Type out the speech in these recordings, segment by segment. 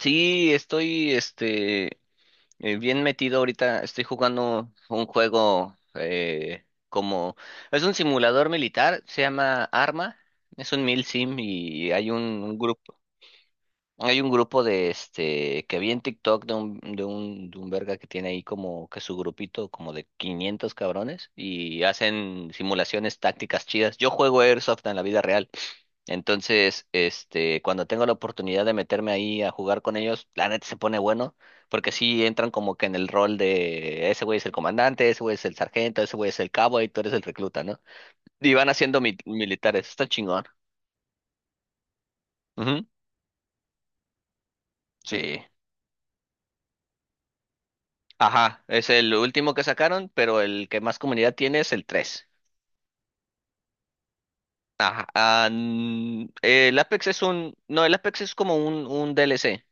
Sí, estoy bien metido ahorita. Estoy jugando un juego como es un simulador militar, se llama Arma, es un mil sim y hay un grupo de este que vi en TikTok de un verga que tiene ahí como que su grupito como de 500 cabrones y hacen simulaciones tácticas chidas. Yo juego Airsoft en la vida real. Entonces, cuando tengo la oportunidad de meterme ahí a jugar con ellos, la neta se pone bueno, porque sí entran como que en el rol de ese güey es el comandante, ese güey es el sargento, ese güey es el cabo y tú eres el recluta, ¿no? Y van haciendo militares, está chingón. Ujú. Sí. Ajá, es el último que sacaron, pero el que más comunidad tiene es el tres. Ajá. El Apex es un, no, el Apex es como un DLC.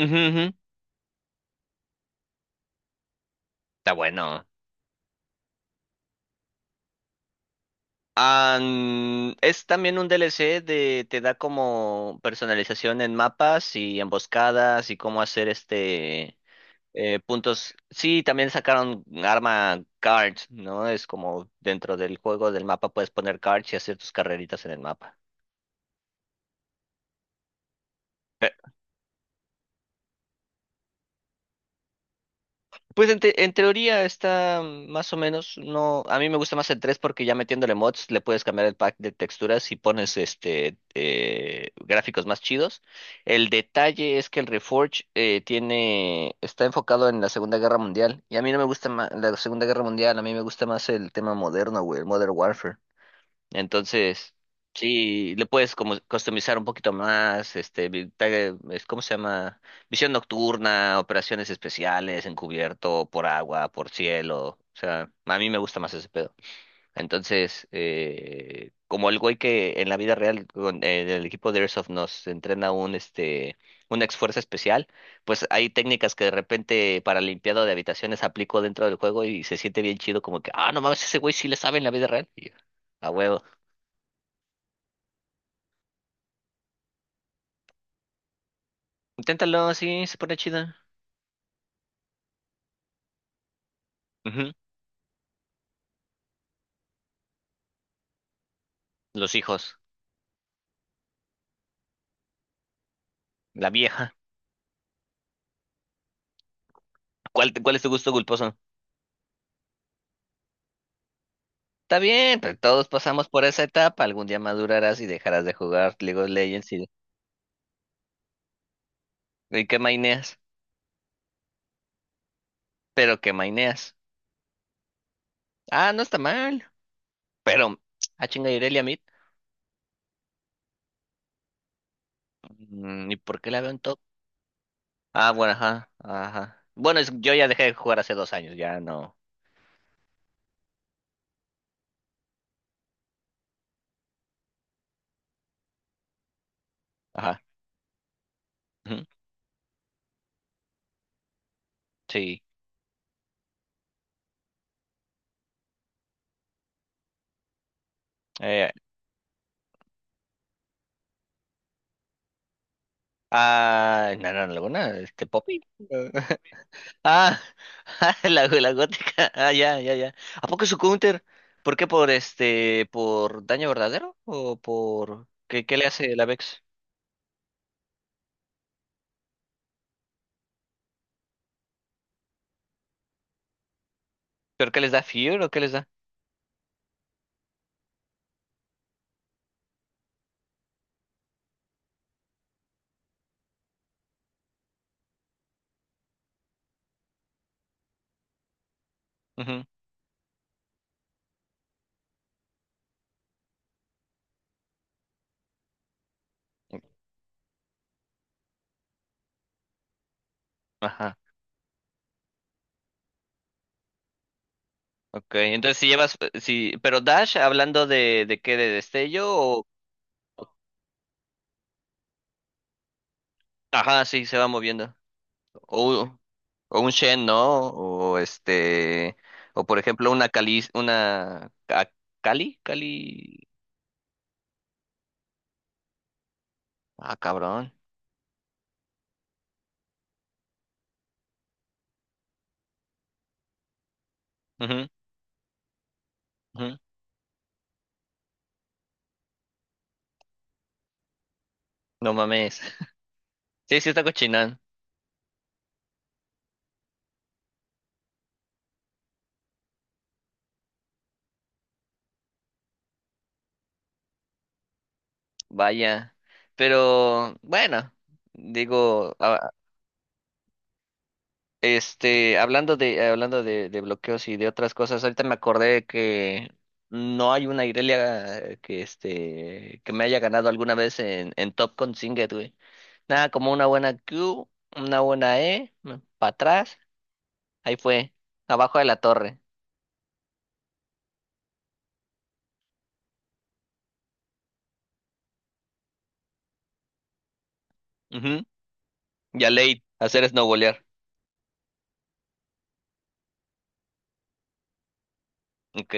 Ujú, ujú. Está bueno. Es también un DLC de te da como personalización en mapas y emboscadas y cómo hacer puntos. Sí, también sacaron arma cards, ¿no? Es como dentro del juego del mapa puedes poner cards y hacer tus carreritas en el mapa. En teoría está más o menos, no, a mí me gusta más el 3 porque ya metiéndole mods le puedes cambiar el pack de texturas y pones gráficos más chidos. El detalle es que el Reforge está enfocado en la Segunda Guerra Mundial y a mí no me gusta la Segunda Guerra Mundial, a mí me gusta más el tema moderno, güey, el Modern Warfare. Entonces, sí, le puedes como customizar un poquito más, ¿cómo se llama? Visión nocturna, operaciones especiales, encubierto, por agua, por cielo. O sea, a mí me gusta más ese pedo. Entonces, como el güey que en la vida real con el equipo de Airsoft nos entrena un este una ex fuerza especial, pues hay técnicas que de repente para limpiado de habitaciones aplico dentro del juego y se siente bien chido como que, ah, no mames, ese güey sí le sabe en la vida real. Y yo, a huevo. Inténtalo, sí, se pone chida. Ujú. Los hijos, la vieja. ¿Cuál es tu gusto culposo? Está bien, pero todos pasamos por esa etapa. Algún día madurarás y dejarás de jugar League of Legends y, que maineas. Pero que maineas. Ah, no está mal. Pero, ah, chinga, Irelia Mid. ¿Y por qué la veo en top? Ah, bueno, ajá, ajá. Bueno, yo ya dejé de jugar hace 2 años, ya no. Ajá. Ujú. Sí. Eh, ah, no, no, no, alguna, este Poppy. Ah, Ah, la gótica. Ah, ya, ya, ya. ¿A poco su counter? ¿Por qué? ¿Por por daño verdadero? ¿O por qué le hace la Vex? ¿Pero qué les da Fear o qué les da? Ujú. Ajá. Ok, entonces si llevas, si, pero Dash, hablando de qué, de destello o. Ajá, sí, se va moviendo. O, o un Shen, ¿no? O por ejemplo una Cali, una Ca- Cali, Cali. Ah, cabrón. Ujú, ujú. No mames. Sí, sí está cochinón, vaya. Pero bueno, digo, ah, hablando de bloqueos y de otras cosas, ahorita me acordé que no hay una Irelia que que me haya ganado alguna vez en Top con Singed, güey. Nada, como una buena Q, una buena E, para atrás, ahí fue, abajo de la torre. Ujú. Y a late, hacer snowbolear. Ok.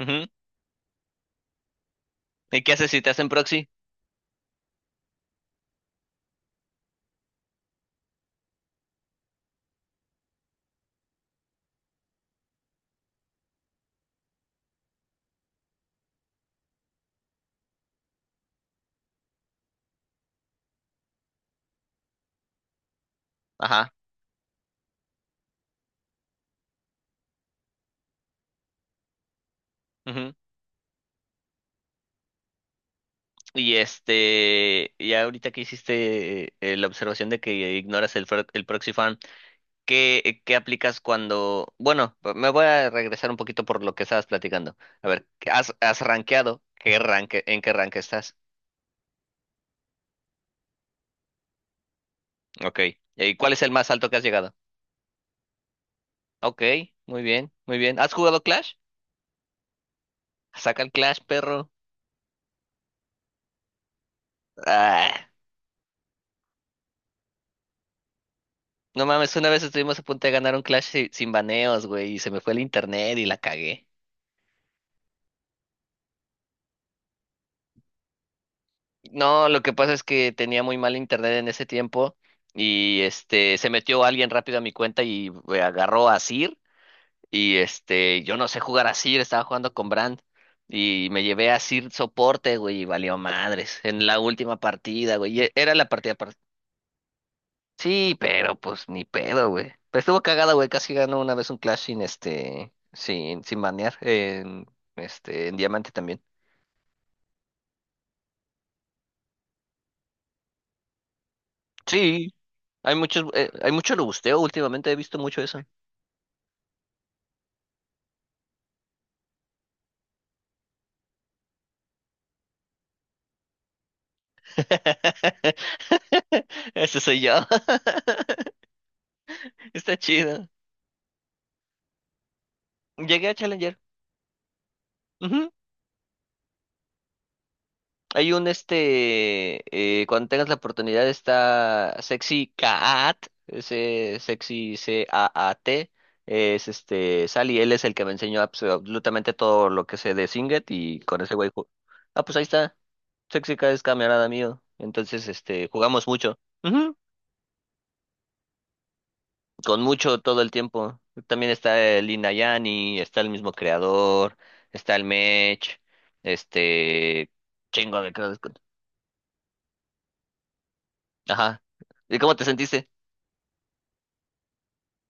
Ujú. ¿Y qué haces si te hacen proxy? Ajá. Y ya ahorita que hiciste la observación de que ignoras el proxy farm, ¿qué aplicas cuando. Bueno, me voy a regresar un poquito por lo que estabas platicando. A ver, ¿qué ¿has rankeado? ¿Qué ranque, en qué rank estás? Ok. ¿Y cuál es el más alto que has llegado? Ok, muy bien, muy bien. ¿Has jugado Clash? Saca el Clash, perro. Ah, no mames, una vez estuvimos a punto de ganar un Clash sin baneos, güey, y se me fue el internet y la cagué. No, lo que pasa es que tenía muy mal internet en ese tiempo y se metió alguien rápido a mi cuenta y agarró a Sir y yo no sé jugar a Sir, estaba jugando con Brand y me llevé a Sir soporte, güey, y valió madres en la última partida, güey. Era la partida par-. Sí, pero pues ni pedo, güey. Pero estuvo cagada, güey, casi ganó una vez un Clash sin banear en Diamante también. Sí. Hay mucho lo busteo últimamente, he visto mucho eso. Ese soy yo. Está chido. Llegué a Challenger. Ujú. Hay un este, Cuando tengas la oportunidad está Sexy Cat, ese Sexy CAAT, es Sally, él es el que me enseñó absolutamente todo lo que sé de Singet y con ese güey, ah, pues ahí está, Sexy Cat es camarada mío, entonces jugamos mucho. Ujú. Con mucho todo el tiempo. También está el Inayani, está el mismo creador, está el Mech, este chingo de cosas. Ajá. ¿Y cómo te sentiste?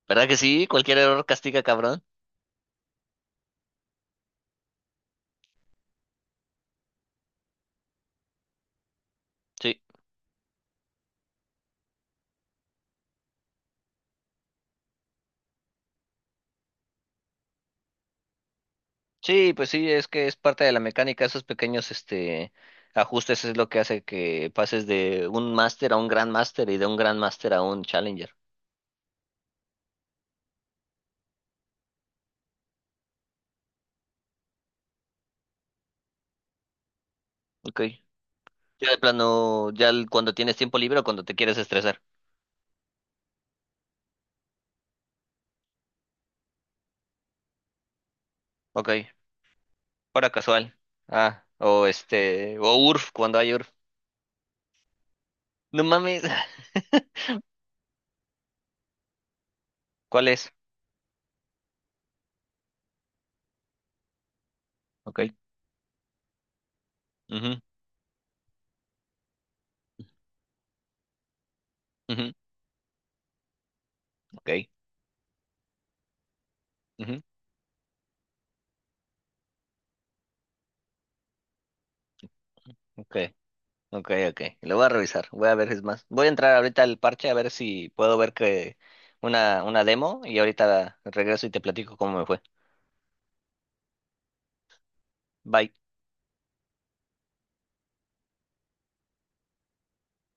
¿Verdad que sí? Cualquier error castiga, cabrón. Sí. Sí, pues sí, es que es parte de la mecánica, esos pequeños ajustes es lo que hace que pases de un máster a un gran máster y de un gran máster a un challenger. Ok. Ya de plano, cuando tienes tiempo libre o cuando te quieres estresar. Ok. Hora casual. Ah, o URF, cuando hay URF. No mames. ¿Cuál es? Ok. Ujú, ujú, ok. Ujú, ok. Ok, ok. Lo voy a revisar. Voy a ver, es más. Voy a entrar ahorita al parche a ver si puedo ver que una demo y ahorita regreso y te platico cómo me fue. Bye.